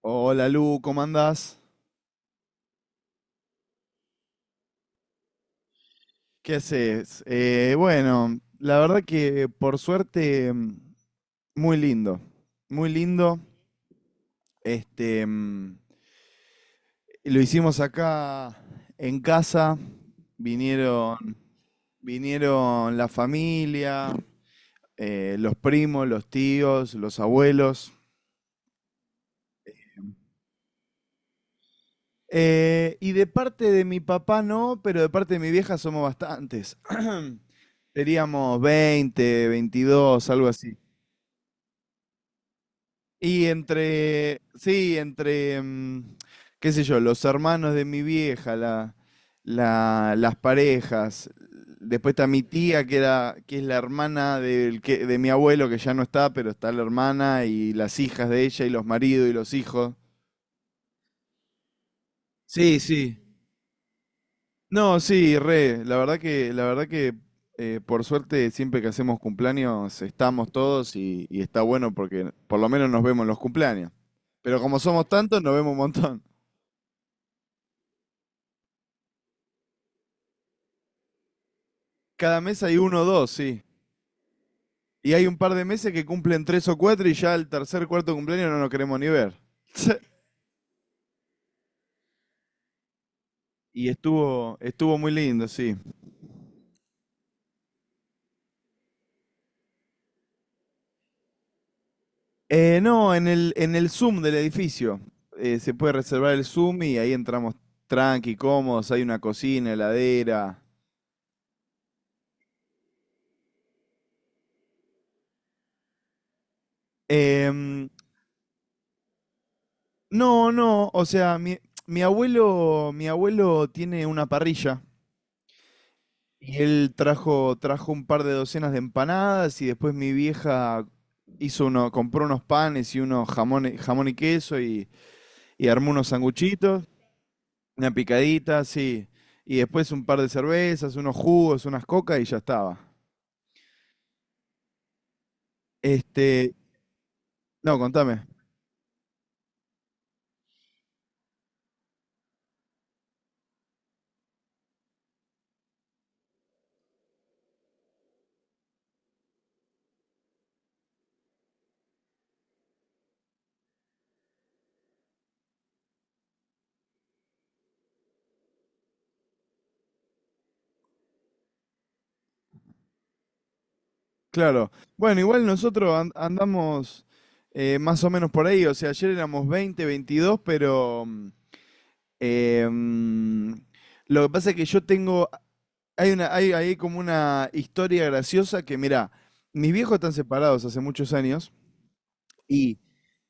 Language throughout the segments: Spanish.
Hola Lu, ¿cómo andás? ¿Qué haces? Bueno, la verdad que por suerte muy lindo, muy lindo. Este, lo hicimos acá en casa, vinieron, vinieron la familia, los primos, los tíos, los abuelos. Y de parte de mi papá no, pero de parte de mi vieja somos bastantes. Seríamos 20, 22, algo así. Y entre, sí, entre, qué sé yo, los hermanos de mi vieja, las parejas. Después está mi tía, que es la hermana de mi abuelo, que ya no está, pero está la hermana y las hijas de ella y los maridos y los hijos. Sí, sí. No, sí, re, la verdad que por suerte siempre que hacemos cumpleaños estamos todos y está bueno porque por lo menos nos vemos en los cumpleaños. Pero como somos tantos, nos vemos un montón. Cada mes hay uno o dos, sí. Y hay un par de meses que cumplen tres o cuatro y ya el tercer, cuarto cumpleaños no nos queremos ni ver. Y estuvo muy lindo, sí. No, en el Zoom del edificio. Se puede reservar el Zoom y ahí entramos tranqui, cómodos, hay una cocina, heladera. Em, no, no, o sea, mi abuelo tiene una parrilla. Y él trajo un par de docenas de empanadas y después mi vieja hizo uno, compró unos panes y unos jamón y queso y armó unos sanguchitos, una picadita, sí. Y después un par de cervezas, unos jugos, unas cocas y ya estaba. Este, no, contame. Claro. Bueno, igual nosotros andamos más o menos por ahí. O sea, ayer éramos 20 22 pero. Eh, mm, lo que pasa es que yo tengo. Hay como una historia graciosa que, mirá, mis viejos están separados hace muchos años y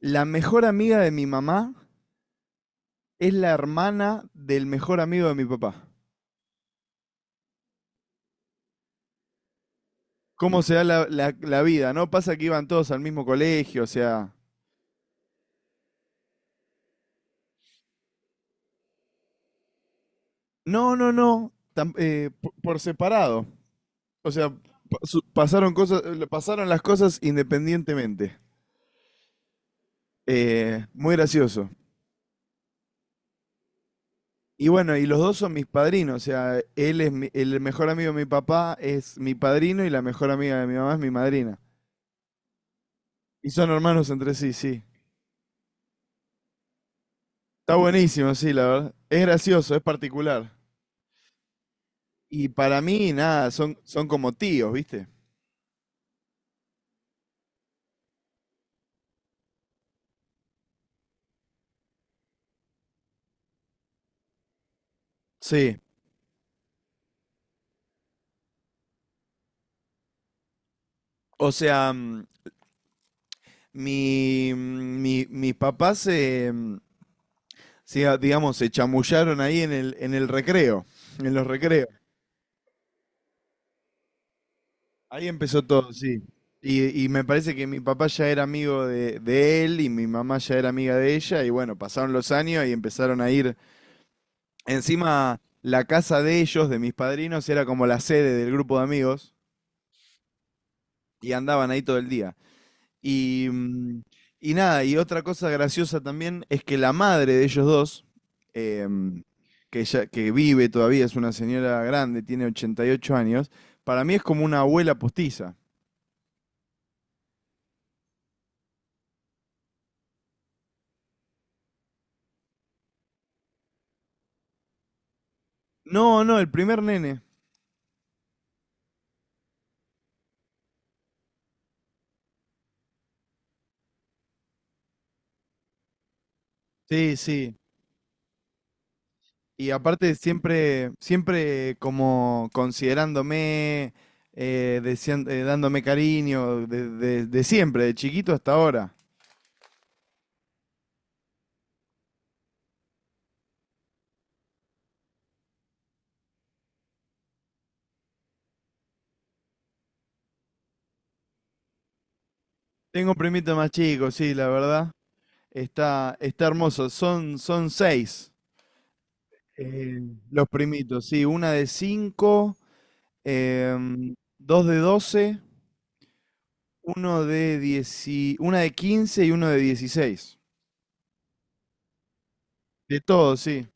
la mejor amiga de mi mamá es la hermana del mejor amigo de mi papá. ¿Cómo se da la vida? ¿No pasa que iban todos al mismo colegio? O sea, no, no, no, separado. O sea, pa- su- pasaron cosas, pasaron las cosas independientemente. Muy gracioso. Y bueno, y los dos son mis padrinos, o sea, él es el mejor amigo de mi papá es mi padrino y la mejor amiga de mi mamá es mi madrina. Y son hermanos entre sí, sí. Está buenísimo, sí, la verdad. Es gracioso, es particular. Y para mí, nada, son, son como tíos, ¿viste? Sí. O sea, mis papás digamos, se chamullaron ahí en el en los recreos. Ahí empezó todo, sí. Y me parece que mi papá ya era amigo de él y mi mamá ya era amiga de ella y bueno, pasaron los años y empezaron a ir. Encima, la casa de ellos, de mis padrinos, era como la sede del grupo de amigos y andaban ahí todo el día. Y, mm, y nada, y otra cosa graciosa también es que la madre de ellos dos, em, que, ya, que vive todavía, es una señora grande, tiene 88 años, para mí es como una abuela postiza. No, no, el primer nene. Sí, sí. Y aparte siempre, siempre como considerándome, dándome cariño, de siempre, de chiquito hasta ahora. Tengo un primito más chico, sí, la verdad. Está, está hermoso. Son seis eh, los primitos, sí. Una de 5, dos de 12, una de 15 y uno de 16. De todo, sí.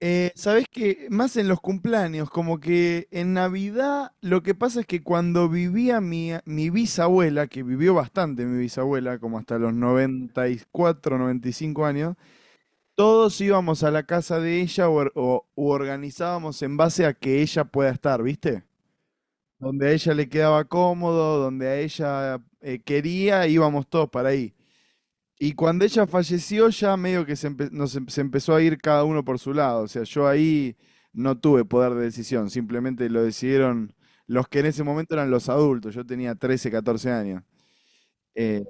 Sabés que más en los cumpleaños, como que en Navidad lo que pasa es que cuando vivía mi bisabuela, que vivió bastante mi bisabuela, como hasta los 94, 95 años, todos íbamos a la casa de ella u organizábamos en base a que ella pueda estar, ¿viste? Donde a ella le quedaba cómodo, donde a ella quería, íbamos todos para ahí. Y cuando ella falleció, ya medio que se empezó a ir cada uno por su lado. O sea, yo ahí no tuve poder de decisión, simplemente lo decidieron los que en ese momento eran los adultos. Yo tenía 13, 14 años. Eh,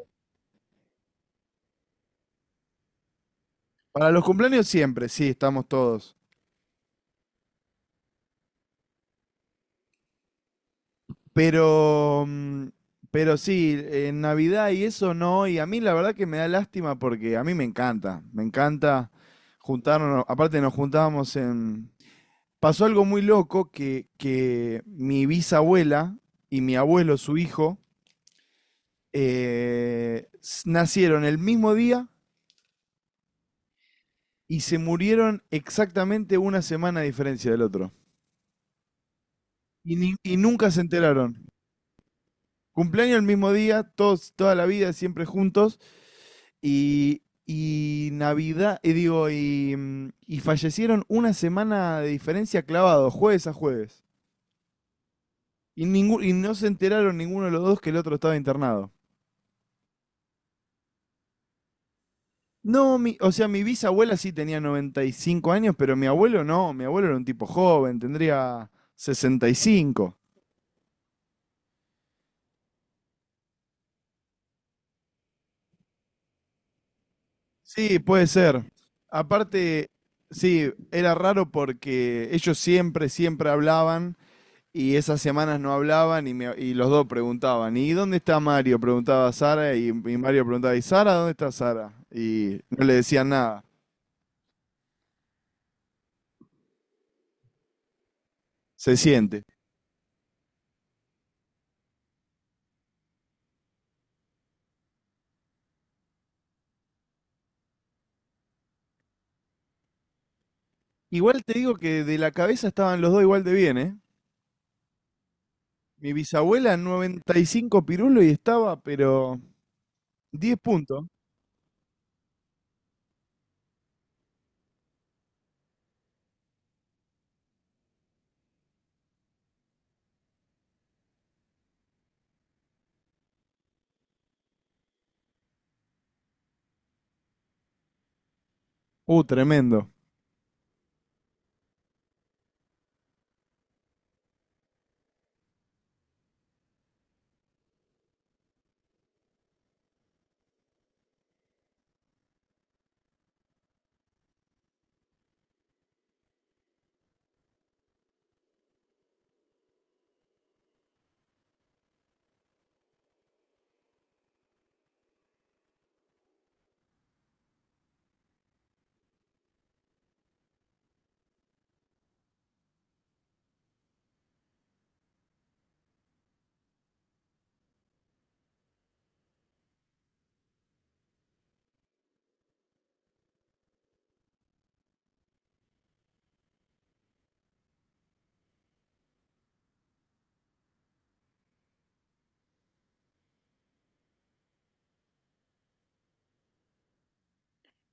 para los cumpleaños siempre, sí, estamos todos. Pero, mm, pero sí, en Navidad y eso no. Y a mí la verdad que me da lástima porque a mí me encanta juntarnos. Aparte pasó algo muy loco que mi bisabuela y mi abuelo, su hijo, nacieron el mismo día y se murieron exactamente una semana a diferencia del otro. Y nunca se enteraron. Cumpleaños el mismo día, todos, toda la vida, siempre juntos. Y Navidad, y digo, y fallecieron una semana de diferencia clavado, jueves a jueves. Y no se enteraron ninguno de los dos que el otro estaba internado. No, o sea, mi bisabuela sí tenía 95 años, pero mi abuelo no. Mi abuelo era un tipo joven, tendría 65. Sí, puede ser. Aparte, sí, era raro porque ellos siempre, siempre hablaban y esas semanas no hablaban y los dos preguntaban, ¿y dónde está Mario? Preguntaba Sara y Mario preguntaba, ¿y Sara dónde está Sara? Y no le decían nada. Se siente. Igual te digo que de la cabeza estaban los dos igual de bien, ¿eh? Mi bisabuela 95 pirulo y estaba, pero 10 puntos. Tremendo.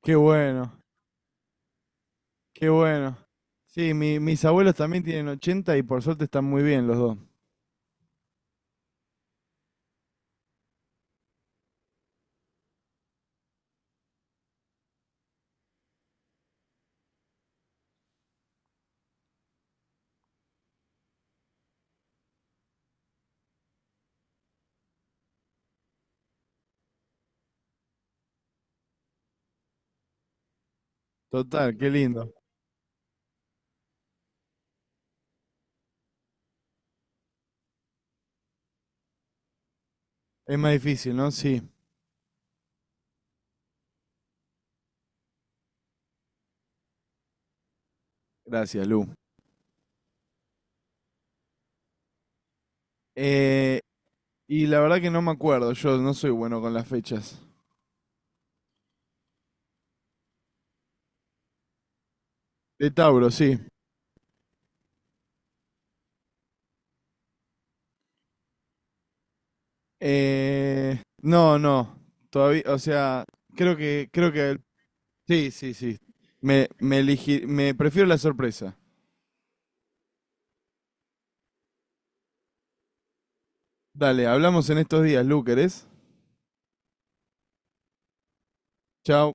Qué bueno, qué bueno. Sí, mis abuelos también tienen 80 y por suerte están muy bien los dos. Total, qué lindo. Es más difícil, ¿no? Sí. Gracias, Lu. Eh, y la verdad que no me acuerdo, yo no soy bueno con las fechas. De Tauro, sí. No, no. Todavía, o sea, creo que, creo que, sí, sí, sí. Me prefiero la sorpresa. Dale, hablamos en estos días, Lu, ¿querés? Chao.